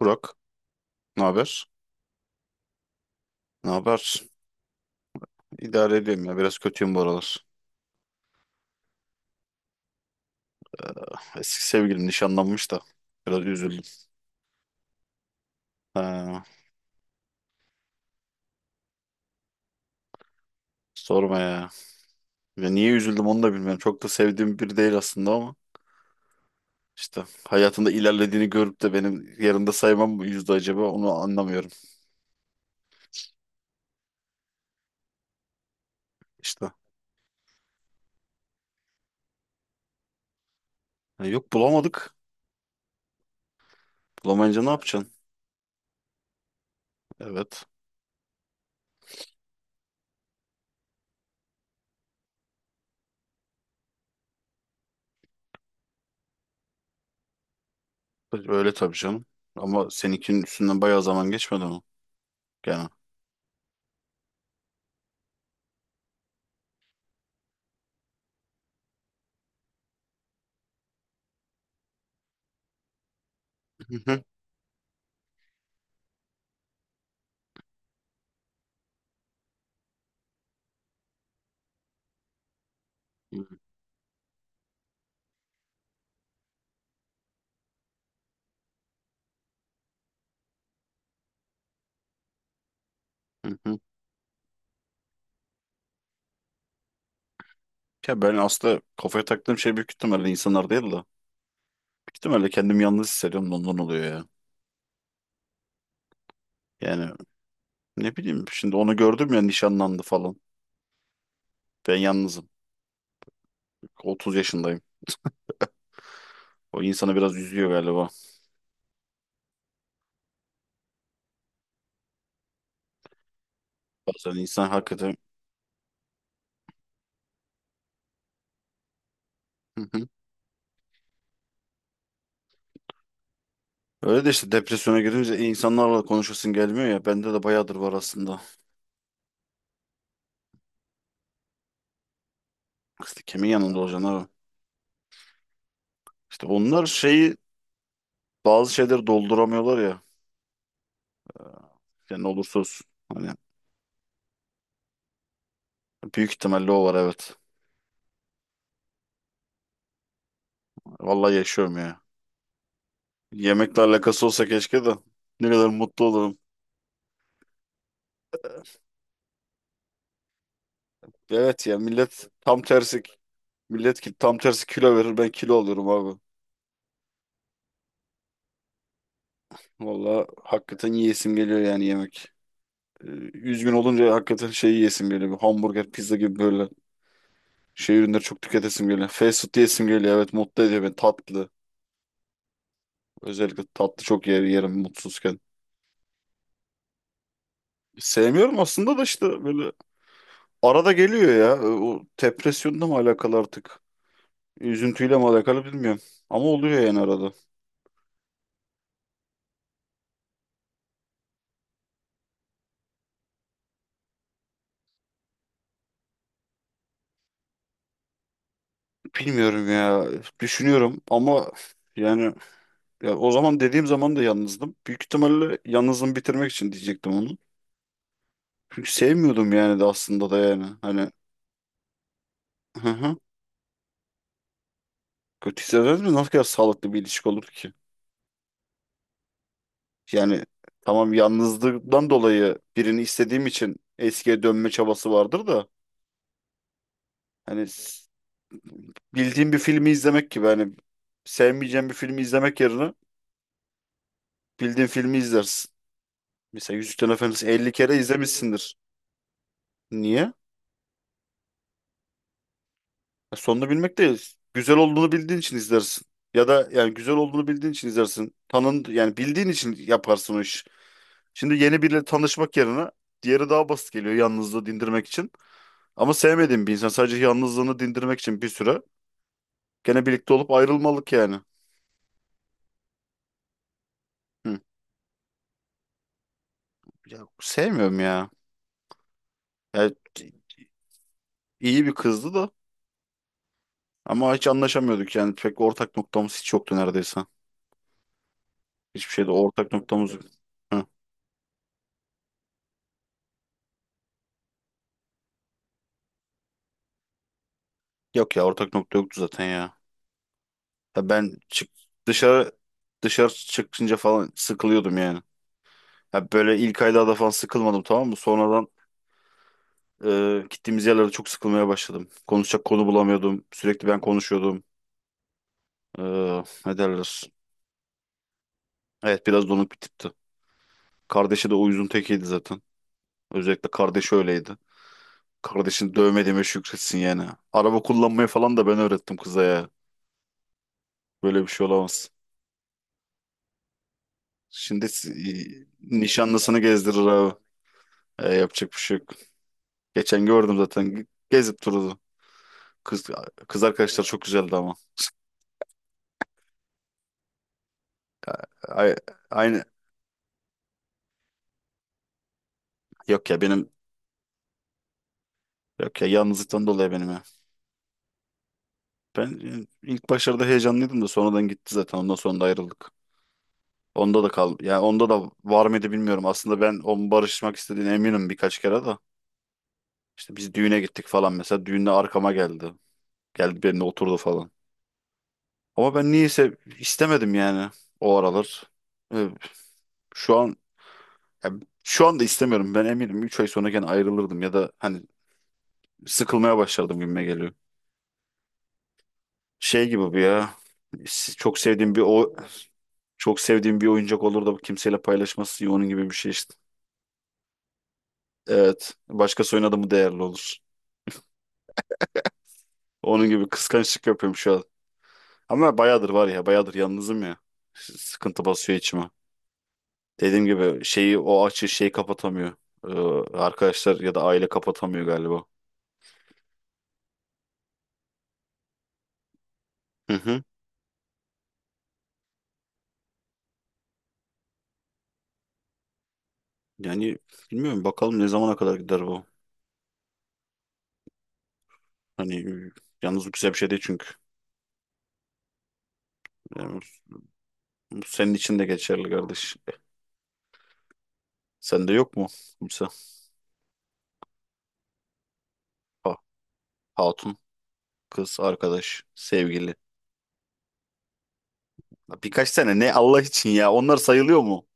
Burak, ne haber? Ne haber? İdare ediyorum ya. Biraz kötüyüm bu aralar. Eski sevgilim nişanlanmış da. Biraz üzüldüm. Ha, sorma ya. Ya niye üzüldüm onu da bilmiyorum. Çok da sevdiğim biri değil aslında ama. İşte hayatında ilerlediğini görüp de benim yanında saymam mı yüzde acaba onu anlamıyorum. İşte. Ha, yok bulamadık. Bulamayınca ne yapacaksın? Evet. Öyle tabii canım. Ama seninkinin üstünden bayağı zaman geçmedi mi? Gene. Hı hı. Hı hı. Ya ben aslında kafaya taktığım şey büyük ihtimalle insanlar değil de. İhtimalle kendimi yalnız hissediyorum da ondan oluyor ya. Yani ne bileyim şimdi onu gördüm ya nişanlandı falan. Ben yalnızım. 30 yaşındayım. O insanı biraz üzüyor galiba. Bazen insan hakikaten. Hı hı. Öyle de işte depresyona girince insanlarla konuşasın gelmiyor ya. Bende de bayağıdır var aslında. İşte kimin yanında olacaksın abi? İşte onlar şeyi bazı şeyleri dolduramıyorlar ya. Yani ne olursa olsun. Hani büyük ihtimalle o var evet. Vallahi yaşıyorum ya. Yemekle alakası olsa keşke de ne kadar mutlu olurum. Evet ya, millet ki tam tersi kilo verir, ben kilo alıyorum abi. Valla hakikaten yiyesim geliyor yani yemek. Ee, Üzgün olunca hakikaten şey yiyesim geliyor. Bir hamburger, pizza gibi böyle şey ürünleri çok tüketesim geliyor. Fast food yiyesim geliyor. Evet, mutlu ediyor beni tatlı. Özellikle tatlı çok yerim mutsuzken. Sevmiyorum aslında da işte böyle arada geliyor ya. O depresyonla mı alakalı artık? Üzüntüyle mi alakalı bilmiyorum. Ama oluyor yani arada. Bilmiyorum ya. Düşünüyorum ama yani. Ya o zaman dediğim zaman da yalnızdım. Büyük ihtimalle yalnızım bitirmek için diyecektim onu. Çünkü sevmiyordum yani de aslında da yani. Hani hı hı. Kötü hissederdim de nasıl kadar sağlıklı bir ilişki olur ki? Yani tamam, yalnızlıktan dolayı birini istediğim için eskiye dönme çabası vardır da hani bildiğim bir filmi izlemek gibi, hani sevmeyeceğim bir filmi izlemek yerine bildiğin filmi izlersin. Mesela Yüzüklerin Efendisi 50 kere izlemişsindir. Niye? Ya, sonunu bilmek değil. Güzel olduğunu bildiğin için izlersin. Ya da yani güzel olduğunu bildiğin için izlersin. Tanın yani bildiğin için yaparsın o iş. Şimdi yeni biriyle tanışmak yerine diğeri daha basit geliyor yalnızlığı dindirmek için. Ama sevmediğim bir insan sadece yalnızlığını dindirmek için bir süre gene birlikte olup ayrılmalık yani. Hı. Ya, sevmiyorum ya. Yani iyi bir kızdı da ama hiç anlaşamıyorduk yani, pek ortak noktamız hiç yoktu neredeyse. Hiçbir şeyde ortak noktamız yok. Hı. Yok ya, ortak nokta yoktu zaten ya. Ya ben çık dışarı dışarı çıkınca falan sıkılıyordum yani. Ya böyle ilk aylarda falan sıkılmadım, tamam mı? Sonradan gittiğimiz yerlerde çok sıkılmaya başladım. Konuşacak konu bulamıyordum. Sürekli ben konuşuyordum. E, Ne derler? Evet, biraz donuk bir tipti. Kardeşi de uyuzun tekiydi zaten. Özellikle kardeşi öyleydi. Kardeşini dövmediğime şükretsin yani. Araba kullanmayı falan da ben öğrettim kıza ya. Böyle bir şey olamaz. Şimdi nişanlısını gezdirir abi. Yapacak bir şey yok. Geçen gördüm zaten. Gezip durdu. Kız, kız arkadaşlar çok güzeldi ama. Ay- Aynı. Yok ya benim. Yok ya, yalnızlıktan dolayı benim ya. Ben ilk başlarda heyecanlıydım da sonradan gitti zaten. Ondan sonra da ayrıldık. Onda da kal. Yani onda da var mıydı bilmiyorum. Aslında ben onun barışmak istediğine eminim birkaç kere de. İşte biz düğüne gittik falan mesela. Düğünde arkama geldi. Geldi benimle oturdu falan. Ama ben niyeyse istemedim yani o aralar. Ee, Şu an Ya şu anda istemiyorum. Ben eminim 3 ay sonra gene ayrılırdım ya da hani sıkılmaya başlardım gibime geliyor. Şey gibi bu ya. Çok sevdiğim bir o çok sevdiğim bir oyuncak olur da kimseyle paylaşması iyi, onun gibi bir şey işte. Evet. Başkası oynadı mı değerli olur. Onun gibi kıskançlık yapıyorum şu an. Ama bayağıdır var ya, bayağıdır yalnızım ya. Sıkıntı basıyor içime. Dediğim gibi şeyi o açı şeyi kapatamıyor. Arkadaşlar ya da aile kapatamıyor galiba. Hı hı. Yani bilmiyorum bakalım ne zamana kadar gider bu. Hani yalnız bu güzel bir şey değil çünkü. Yani bu senin için de geçerli kardeş. Sende yok mu kimse? Ha- hatun, kız, arkadaş, sevgili. Ya birkaç tane ne Allah için ya. Onlar sayılıyor mu?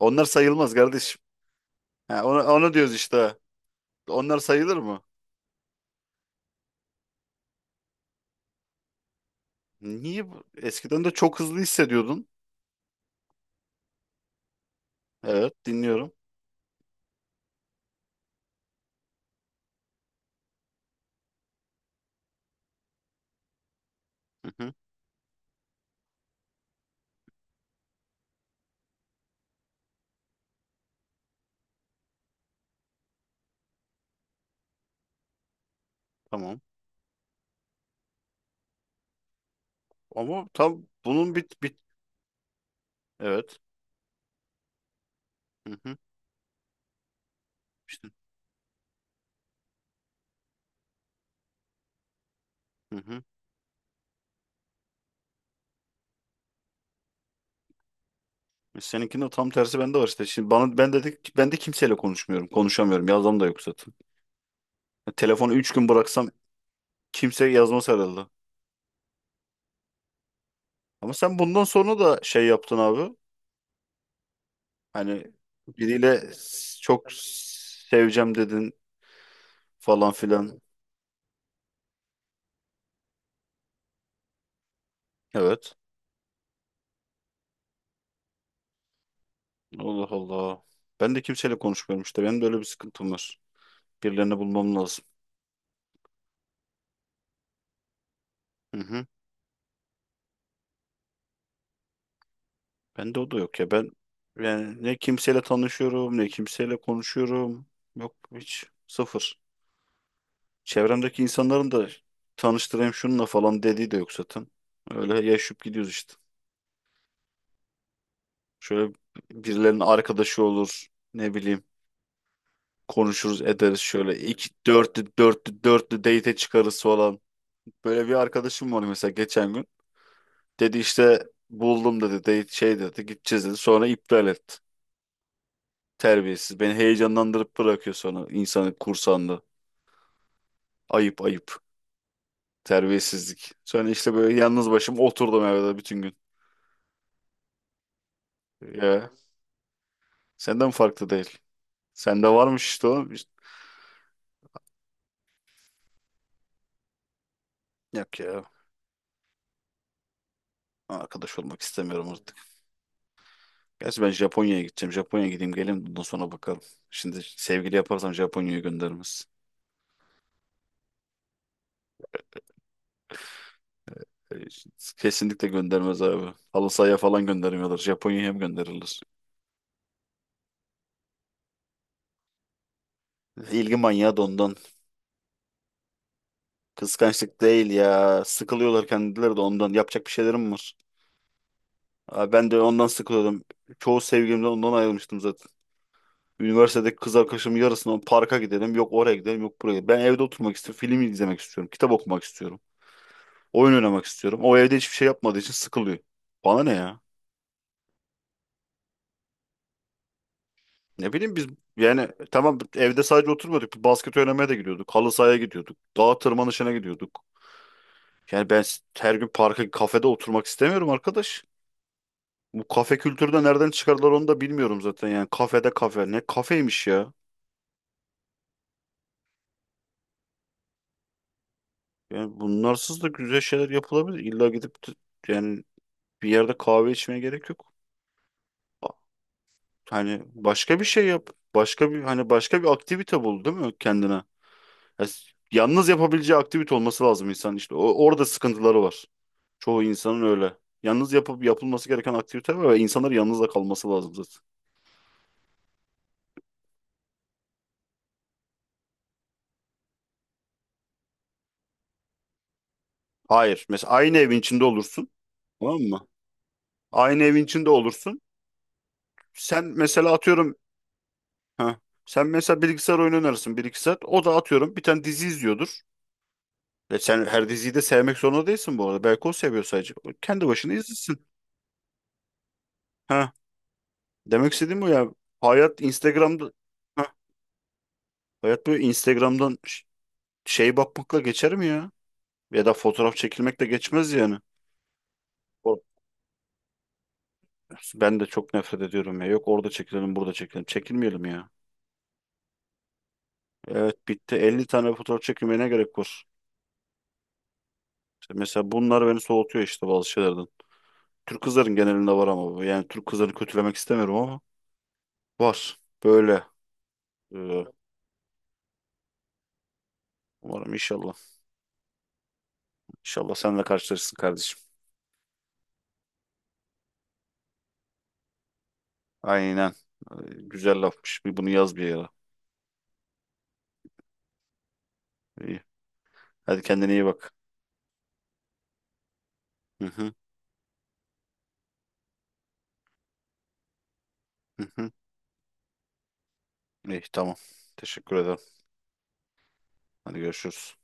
Onlar sayılmaz kardeşim. Ha, onu diyoruz işte. Onlar sayılır mı? Niye? Eskiden de çok hızlı hissediyordun. Evet, dinliyorum. Hı hı, tamam. Ama tam bunun bit. Evet. Hı hı, işte. Hı hı. Seninkinde tam tersi bende var işte. Şimdi bana ben dedik, ben de kimseyle konuşmuyorum. Konuşamıyorum. Yazmam da yok zaten. Ya telefonu 3 gün bıraksam kimse yazmaz herhalde. Ama sen bundan sonra da şey yaptın abi. Hani biriyle çok seveceğim dedin falan filan. Evet. Allah Allah. Ben de kimseyle konuşmuyorum işte. Benim de öyle bir sıkıntım var. Birilerini bulmam lazım. Hı hı. Bende o da yok ya. Ben yani ne kimseyle tanışıyorum ne kimseyle konuşuyorum. Yok hiç. Sıfır. Çevremdeki insanların da tanıştırayım şununla falan dediği de yok zaten. Öyle yaşayıp gidiyoruz işte. Şöyle birilerinin arkadaşı olur. Ne bileyim, konuşuruz ederiz şöyle. İki, dörtlü dörtlü dörtlü date çıkarız falan. Böyle bir arkadaşım var mesela geçen gün. Dedi işte buldum, dedi date şey, dedi gideceğiz, dedi. Sonra iptal etti. Terbiyesiz. Beni heyecanlandırıp bırakıyor sonra insanı kursağında. Ayıp ayıp. Terbiyesizlik. Sonra işte böyle yalnız başım oturdum evde bütün gün. Ya. Senden farklı değil. Sende varmış işte o. Yok ya. Arkadaş olmak istemiyorum artık. Gerçi ben Japonya'ya gideceğim. Japonya'ya gideyim geleyim. Bundan sonra bakalım. Şimdi sevgili yaparsam Japonya'ya göndermez. Ee, Kesinlikle göndermez abi. Halı sahaya falan göndermiyorlar, Japonya'ya hem gönderirler. İlgi manyağı da ondan. Kıskançlık değil ya. Sıkılıyorlar kendileri de ondan. Yapacak bir şeylerim var. Abi ben de ondan sıkılıyordum. Çoğu sevgilimden ondan ayrılmıştım zaten. Üniversitedeki kız arkadaşımın yarısından parka gidelim. Yok oraya gidelim, yok buraya gidelim. Ben evde oturmak istiyorum, film izlemek istiyorum, kitap okumak istiyorum, oyun oynamak istiyorum. O evde hiçbir şey yapmadığı için sıkılıyor. Bana ne ya? Ne bileyim, biz yani tamam evde sadece oturmuyorduk. Basket oynamaya da gidiyorduk. Halı sahaya gidiyorduk. Dağ tırmanışına gidiyorduk. Yani ben her gün parka, kafede oturmak istemiyorum arkadaş. Bu kafe kültürü de nereden çıkardılar onu da bilmiyorum zaten. Yani kafede kafe. Ne kafeymiş ya? Yani bunlarsız da güzel şeyler yapılabilir. İlla gidip yani bir yerde kahve içmeye gerek yok. Hani başka bir şey yap. Başka bir aktivite bul değil mi kendine? Ya yalnız yapabileceği aktivite olması lazım insan işte. Orada sıkıntıları var. Çoğu insanın öyle. Yalnız yapıp yapılması gereken aktivite var ve insanların yalnız da kalması lazım zaten. Hayır. Mesela aynı evin içinde olursun. Tamam mı? Aynı evin içinde olursun. Sen mesela atıyorum. Heh. Sen mesela bilgisayar oyunu oynarsın bir iki saat. O da atıyorum bir tane dizi izliyordur. Ve sen her diziyi de sevmek zorunda değilsin bu arada. Belki o seviyor sadece. Kendi başına izlesin. Ha, demek istediğim bu ya. Hayat Instagram'da ha, hayat böyle Instagram'dan şey bakmakla geçer mi ya? Ya da fotoğraf çekilmekle geçmez yani. O- Ben de çok nefret ediyorum ya. Yok orada çekilelim, burada çekilelim. Çekilmeyelim ya. Evet, bitti. 50 tane fotoğraf çekilmeye ne gerek var? İşte mesela bunlar beni soğutuyor işte bazı şeylerden. Türk kızların genelinde var ama bu. Yani Türk kızlarını kötülemek istemiyorum ama var. Böyle. Ee, Umarım inşallah. İnşallah sen de karşılaşırsın kardeşim. Aynen. Ee, Güzel lafmış. Bir bunu yaz bir yere. İyi. Hadi kendine iyi bak. Hı hı. Hı hı. İyi tamam. Teşekkür ederim. Hadi görüşürüz.